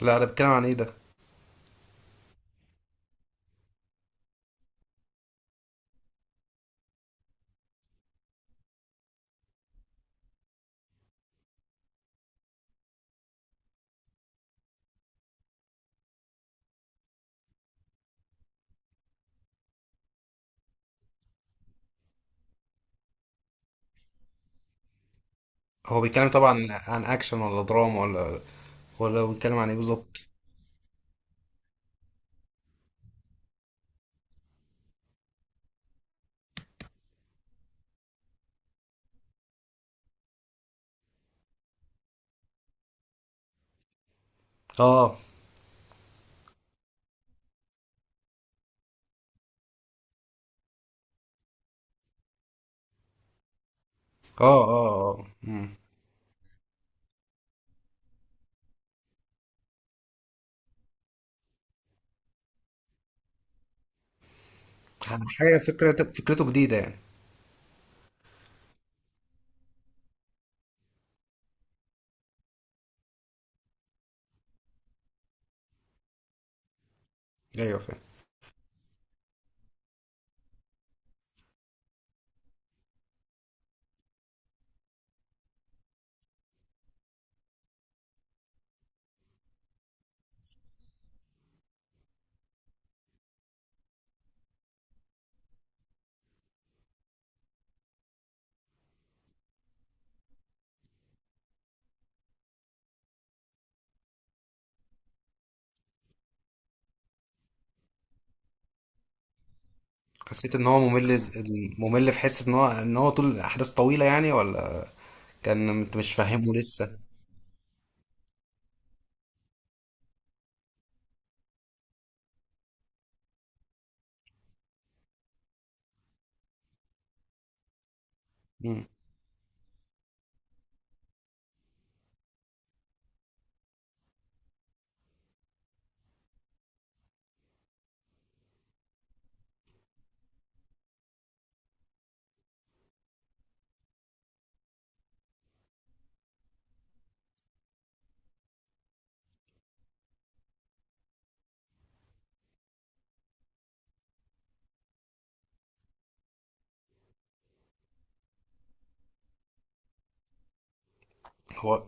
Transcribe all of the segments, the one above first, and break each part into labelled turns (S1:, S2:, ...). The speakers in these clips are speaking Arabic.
S1: لا، ده بيتكلم عن ايه ده؟ هو بيتكلم طبعا عن اكشن ولا دراما ولا ولا بيتكلم عن ايه بالظبط؟ اه اه اه مم. حاجه فكرته جديده يعني ايوه فاهم. حسيت ان هو ممل في حس ان هو ان هو طول الاحداث طويله يعني ولا كان انت مش فاهمه لسه؟ مم. هو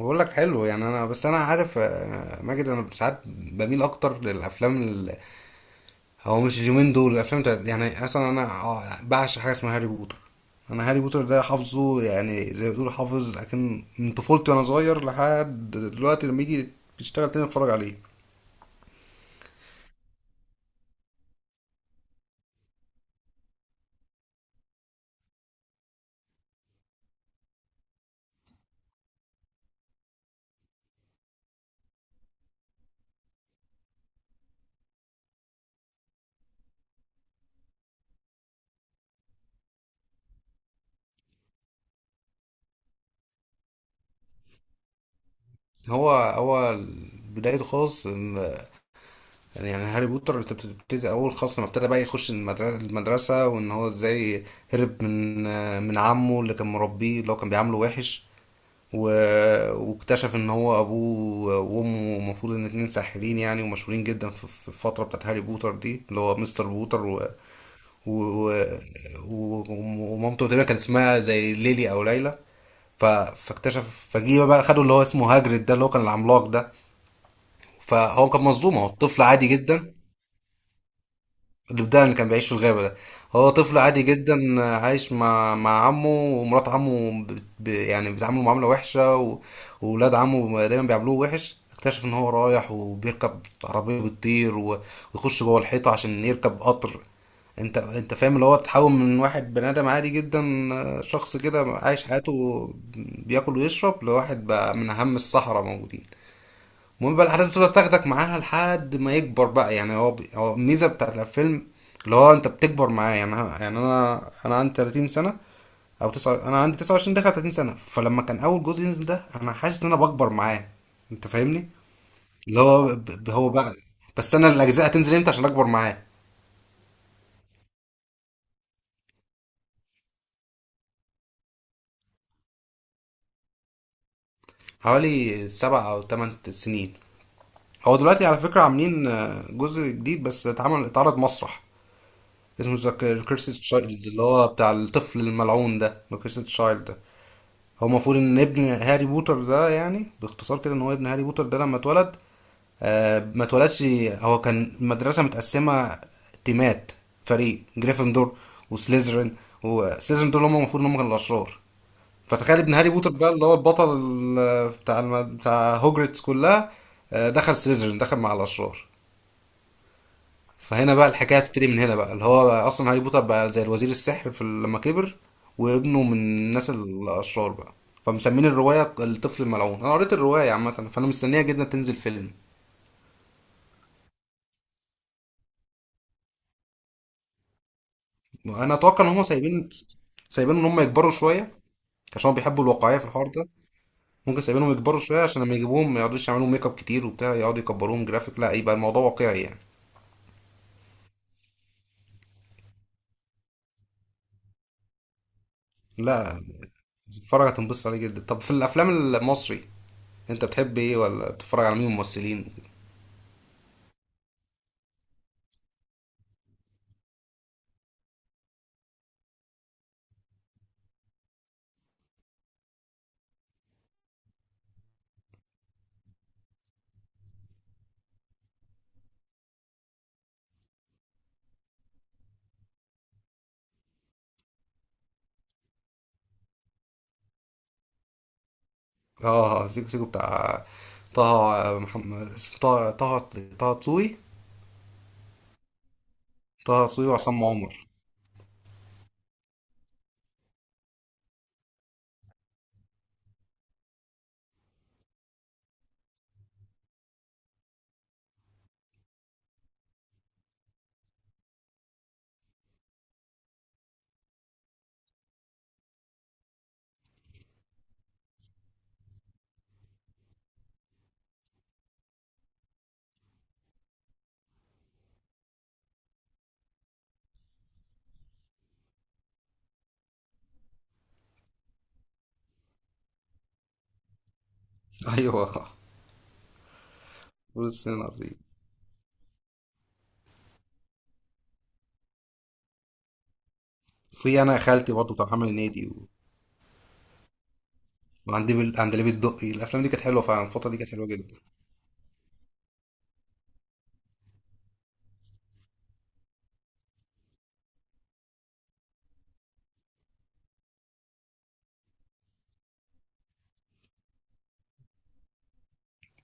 S1: بقول لك حلو يعني انا بس انا عارف ماجد، انا ساعات بميل اكتر للافلام. هو مش اليومين دول الافلام بتاعت يعني، اصلا انا بعشق حاجه اسمها هاري بوتر. انا هاري بوتر ده حافظه، يعني زي ما بتقول حافظ، لكن من طفولتي وانا صغير لحد دلوقتي، لما يجي بيشتغل تاني اتفرج عليه. هو بدايته يعني هاري بوتر انت بتبتدي اول خالص لما ابتدى بقى يخش المدرسه، وان هو ازاي هرب من من عمه اللي كان مربيه، اللي هو كان بيعامله وحش، و... واكتشف ان هو ابوه وامه المفروض ان اتنين ساحرين يعني، ومشهورين جدا في في الفتره بتاعت هاري بوتر دي، اللي هو مستر بوتر و... و... ومامته تقريبا كان اسمها زي ليلي او ليلى. ف... فاكتشف فجيه بقى، خدوا اللي هو اسمه هاجريد ده، اللي هو كان العملاق ده. فهو كان مظلوم، هو الطفل عادي جدا. الودان اللي كان بيعيش في الغابة ده. هو طفل عادي جدا، عايش مع مع عمه ومرات عمه يعني بيتعاملوا معاملة وحشة، وولاد عمه دايما بيعاملوه وحش. اكتشف ان هو رايح وبيركب عربية بتطير، ويخش جوه الحيطة عشان يركب قطر. انت فاهم، اللي هو تحول من واحد بني ادم عادي جدا، شخص كده عايش حياته بياكل ويشرب، لواحد بقى من اهم السحرة موجودين. المهم بقى الاحداث تفضل تاخدك معاها لحد ما يكبر بقى، يعني هو هو الميزه بتاعت الفيلم اللي هو انت بتكبر معاه. يعني انا يعني انا عندي 30 سنه او تسعة، انا عندي 29 داخل 30 سنه، فلما كان اول جزء ينزل ده انا حاسس ان انا بكبر معاه. انت فاهمني؟ اللي هو هو بقى، بس انا الاجزاء هتنزل امتى عشان اكبر معاه؟ حوالي سبع او ثمان سنين. هو دلوقتي على فكره عاملين جزء جديد، بس اتعرض مسرح، اسمه ذا كيرسي تشايلد، اللي هو بتاع الطفل الملعون ده. ذا كيرسي تشايلد ده هو المفروض ان ابن هاري بوتر ده. يعني باختصار كده، ان هو ابن هاري بوتر ده لما اتولد، آه ما اتولدش، هو كان المدرسة متقسمة تيمات، فريق جريفندور وسليزرين، وسليزرين دول هم المفروض ان هم كانوا الأشرار. فتخيل ابن هاري بوتر بقى، اللي هو البطل بتاع هوجرتس كلها، دخل سليزرين، دخل مع الأشرار. فهنا بقى الحكايه هتبتدي من هنا بقى، اللي هو بقى اصلا هاري بوتر بقى زي الوزير السحر لما كبر، وابنه من الناس الاشرار بقى. فمسمين الروايه الطفل الملعون. انا قريت الروايه عامه، فانا مستنيها جدا تنزل فيلم. انا اتوقع ان هم سايبين ان هم يكبروا شويه، عشان هم بيحبوا الواقعيه في الحوار ده. ممكن سايبينهم يكبروا شويه عشان لما يجيبوهم ما يقعدوش يعملوا ميك اب كتير وبتاع، يقعدوا يكبروهم جرافيك، لا يبقى الموضوع واقعي يعني. لا، تتفرج هتنبسط عليه جدا. طب في الافلام المصري انت بتحب ايه؟ ولا بتتفرج على مين ممثلين؟ اه، سيكو سيكو بتاع طه محمد طه طه دسوقي. طه دسوقي وعصام عمر. ايوه. فول الصين العظيم. في انا يا خالتي برضه بتاع محمد هنيدي عند ليفيد الدقي. الافلام دي كانت حلوه فعلا، الفتره دي كانت حلوه جدا.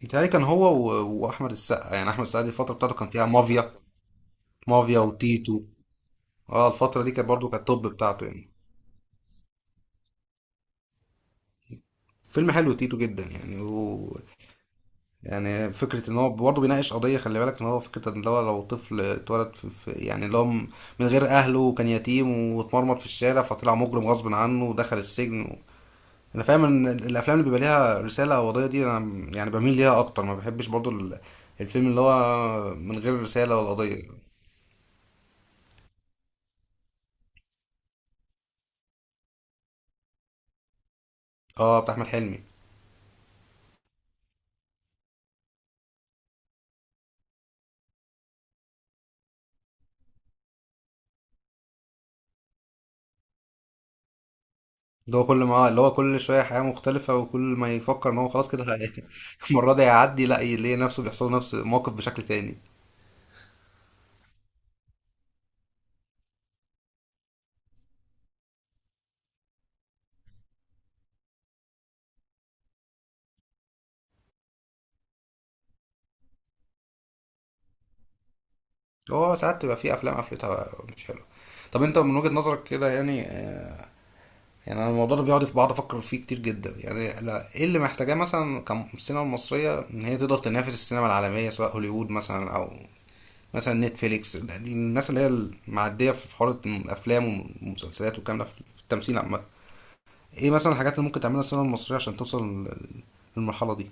S1: متهيألي كان هو واحمد السقا، يعني احمد السقا دي الفتره بتاعته كان فيها مافيا. مافيا وتيتو. اه الفتره دي كانت برضه كانت التوب بتاعته يعني، فيلم حلو تيتو جدا يعني. يعني فكرة ان هو برضه بيناقش قضية، خلي بالك ان هو فكرة ان هو لو طفل اتولد يعني اللي هو من غير اهله وكان يتيم واتمرمط في الشارع فطلع مجرم غصب عنه ودخل السجن انا فاهم ان الافلام اللي بيبقى ليها رسالة او قضية دي انا يعني بميل ليها اكتر، ما بحبش برضه الفيلم اللي هو من غير رسالة ولا قضية. اه، بتاع احمد حلمي. اللي هو كل ما اللي هو كل شوية حياة مختلفة، وكل ما يفكر ان هو خلاص كده المرة دي هيعدي، لا يلاقي نفسه بيحصل له نفس الموقف بشكل تاني. هو ساعات تبقى في افلام قفلتها، مش حلوه. طب انت من وجهة نظرك كده يعني، يعني انا الموضوع ده بقعد افكر فيه كتير جدا يعني، لا ايه اللي محتاجاه مثلا كالسينما المصريه ان هي تقدر تنافس السينما العالميه، سواء هوليوود مثلا او مثلا نتفليكس دي، الناس اللي هي المعديه في حوار الافلام والمسلسلات والكلام ده في التمثيل عامه، ايه مثلا الحاجات اللي ممكن تعملها السينما المصريه عشان توصل للمرحله دي؟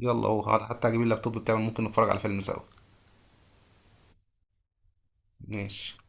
S1: يلا، هو حتى اجيب اللابتوب بتاعي، ممكن نتفرج على فيلم سوا. ماشي.